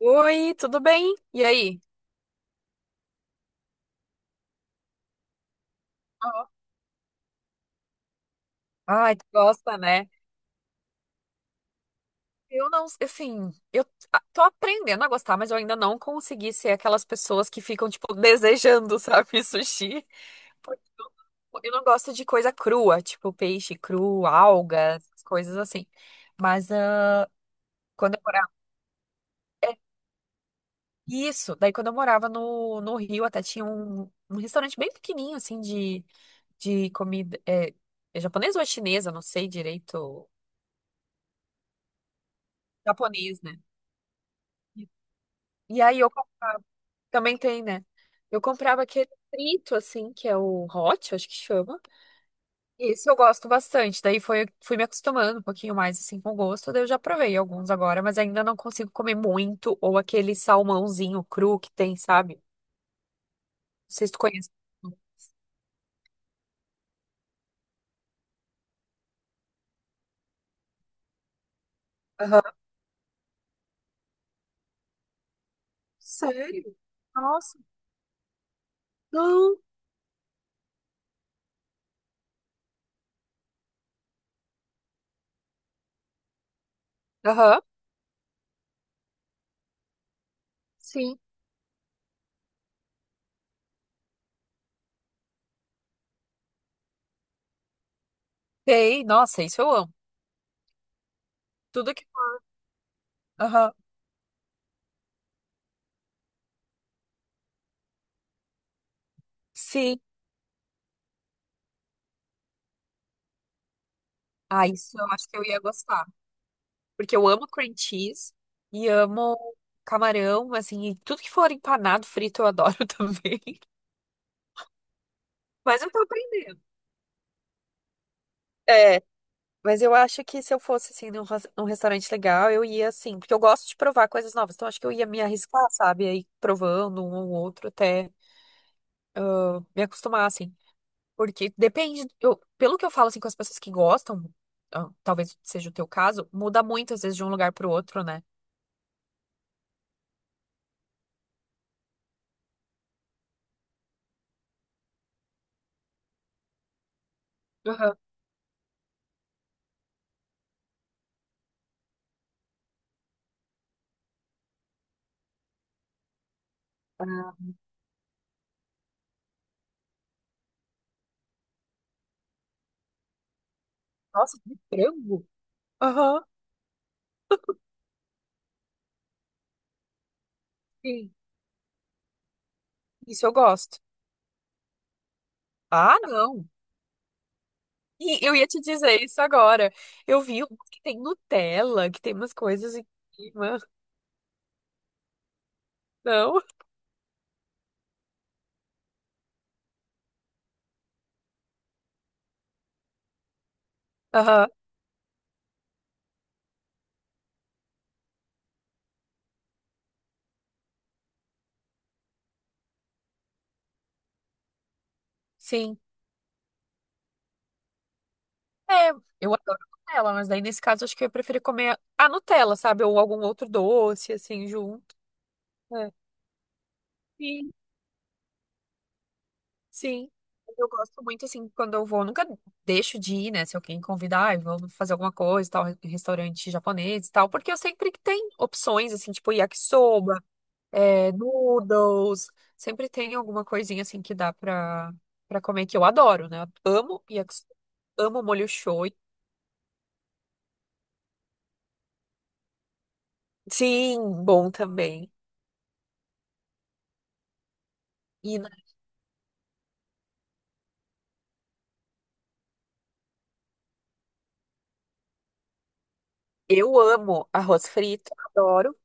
Oi, tudo bem? E aí? Ó, ai, tu gosta, né? Eu não, assim, tô aprendendo a gostar, mas eu ainda não consegui ser aquelas pessoas que ficam, tipo, desejando, sabe, sushi. Porque Eu não gosto de coisa crua, tipo peixe cru, algas, coisas assim. Mas quando eu morava. é, Isso, daí quando eu morava no Rio, até tinha um restaurante bem pequenininho, assim, de comida é japonesa ou é chinesa, não sei direito, japonês, né? E aí eu comprava, também tem, né? Eu comprava aquele frito, assim, que é o hot, acho que chama. Esse eu gosto bastante. Daí fui me acostumando um pouquinho mais, assim, com o gosto. Daí eu já provei alguns agora, mas ainda não consigo comer muito. Ou aquele salmãozinho cru que tem, sabe? Não sei se tu conhece. Aham. Sério? Nossa. Não. Aham. Sim. Sei. Nossa, isso eu amo. Tudo que... Aham. Sim. Ah, isso eu acho que eu ia gostar. Porque eu amo cream cheese e amo camarão, assim, e tudo que for empanado, frito, eu adoro também. Mas eu tô aprendendo. É, mas eu acho que se eu fosse, assim, num restaurante legal, eu ia, assim, porque eu gosto de provar coisas novas, então acho que eu ia me arriscar, sabe? Aí provando um ou outro até eu me acostumar, assim. Porque depende, eu, pelo que eu falo, assim, com as pessoas que gostam, ah, talvez seja o teu caso, muda muito, às vezes, de um lugar pro outro, né? Aham. Ah, nossa, de frango? Aham. Sim. Isso eu gosto. Ah, não. E eu ia te dizer isso agora. Eu vi um que tem Nutella, que tem umas coisas em cima. Não? Aham. Sim. É, eu adoro Nutella, mas daí nesse caso acho que eu ia preferir comer a Nutella, sabe? Ou algum outro doce, assim, junto. É. Sim, sim. Eu gosto muito, assim, quando eu vou, eu nunca deixo de ir, né? Se alguém convidar, "Ai, vamos fazer alguma coisa, tal, em restaurante japonês e tal", porque eu sempre que tem opções, assim, tipo yakisoba, noodles. Sempre tem alguma coisinha assim que pra comer que eu adoro, né? Eu amo yakisoba, amo molho shoyu. Sim, bom também. E eu amo arroz frito, adoro.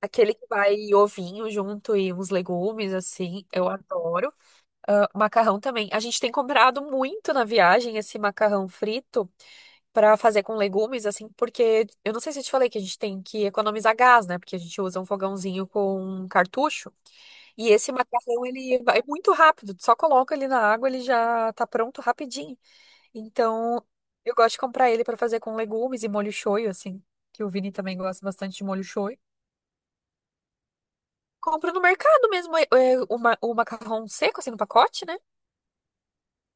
Aquele que vai ovinho junto e uns legumes, assim, eu adoro. Ah, macarrão também. A gente tem comprado muito na viagem esse macarrão frito pra fazer com legumes, assim, porque eu não sei se eu te falei que a gente tem que economizar gás, né? Porque a gente usa um fogãozinho com cartucho. E esse macarrão, ele vai muito rápido. Tu só coloca ele na água, ele já tá pronto rapidinho. Então, eu gosto de comprar ele pra fazer com legumes e molho shoyu, assim. Que o Vini também gosta bastante de molho shoyu. Compro no mercado mesmo, o macarrão seco, assim, no pacote, né?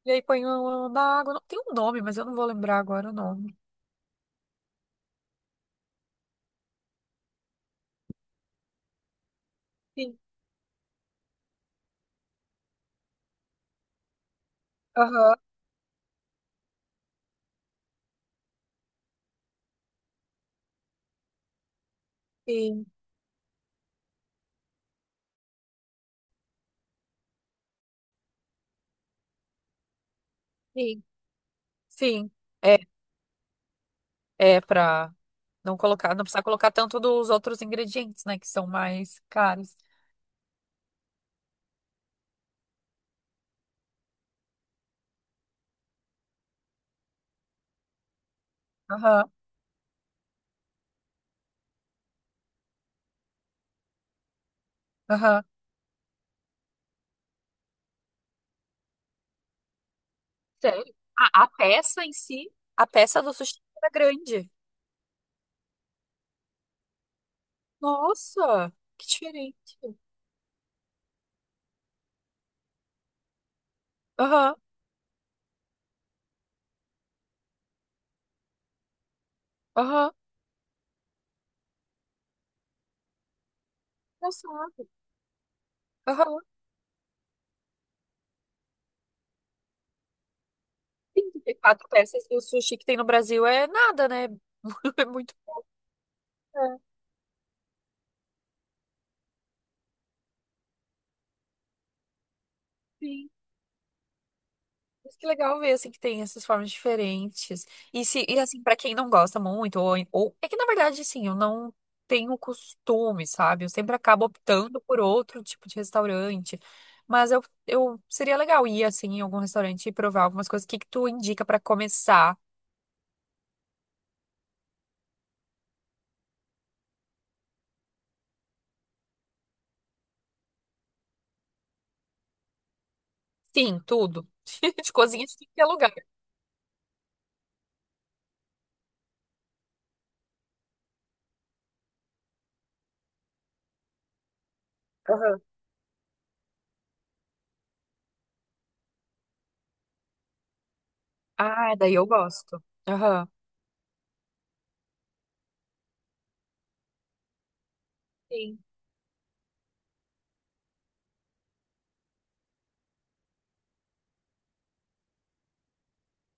E aí na água. Não, tem um nome, mas eu não vou lembrar agora o nome. Sim. Aham. Sim. Sim. Sim. É, é pra não colocar, não precisar colocar tanto dos outros ingredientes, né? Que são mais caros. Aham. Aham. Sério? A peça em si, a peça do sushi era grande. Nossa, que diferente. Aham, aham, engraçado. Aham. Sim, porque quatro peças do sushi que tem no Brasil é nada, né? É muito. É, sim. Mas que legal ver, assim, que tem essas formas diferentes. E assim, pra quem não gosta muito, é que, na verdade, assim, eu não tenho costume, sabe? Eu sempre acabo optando por outro tipo de restaurante. Mas eu seria legal ir, assim, em algum restaurante e provar algumas coisas. O que que tu indica pra começar? Sim, tudo. De cozinha de tudo que é lugar. Aham. Ah, daí eu gosto. Aham. Sim.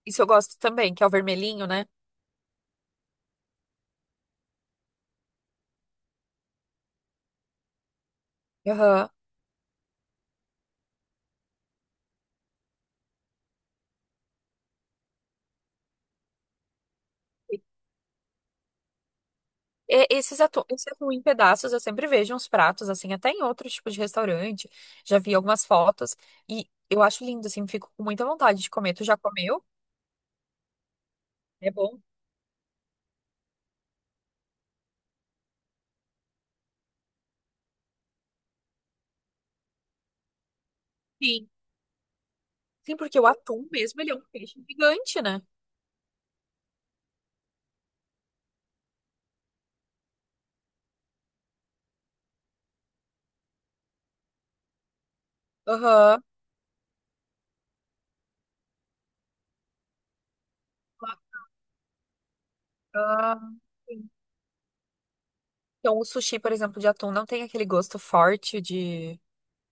Isso eu gosto também, que é o vermelhinho, né? Aham. Esses atum, esse atum em pedaços eu sempre vejo uns pratos, assim, até em outros tipos de restaurante. Já vi algumas fotos e eu acho lindo, assim, fico com muita vontade de comer. Tu já comeu? É bom? Sim. Sim, porque o atum mesmo, ele é um peixe gigante, né? Aham. Ah, sim. Então, o sushi, por exemplo, de atum não tem aquele gosto forte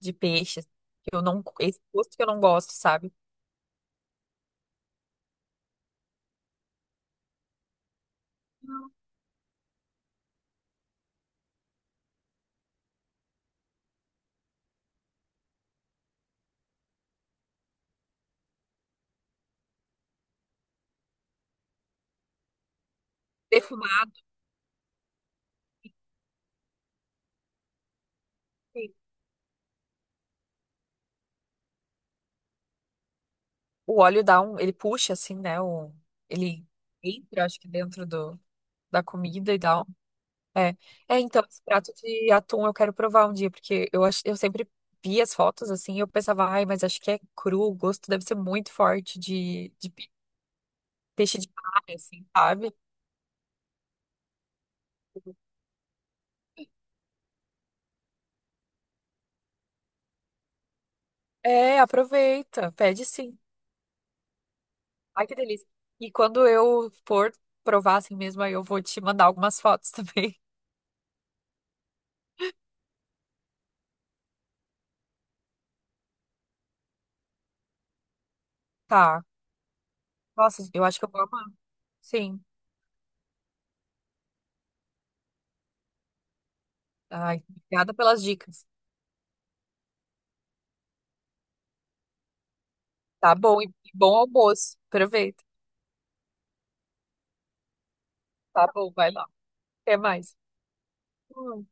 de peixe. Que Eu não, esse gosto que eu não gosto, sabe? Defumar, o óleo dá um, ele puxa, assim, né? Ele entra, acho que da comida e tal. É. É, então, esse prato de atum eu quero provar um dia, porque eu sempre vi as fotos assim, e eu pensava, ai, mas acho que é cru, o gosto deve ser muito forte peixe de mar, assim, sabe? É, aproveita, pede sim. Ai, que delícia. E quando eu for provar assim mesmo, aí eu vou te mandar algumas fotos também. Tá. Nossa, eu acho que eu vou amar. Sim. Ai, obrigada pelas dicas. Tá bom, e bom almoço. Aproveita. Tá bom, vai lá. Até mais. Hum.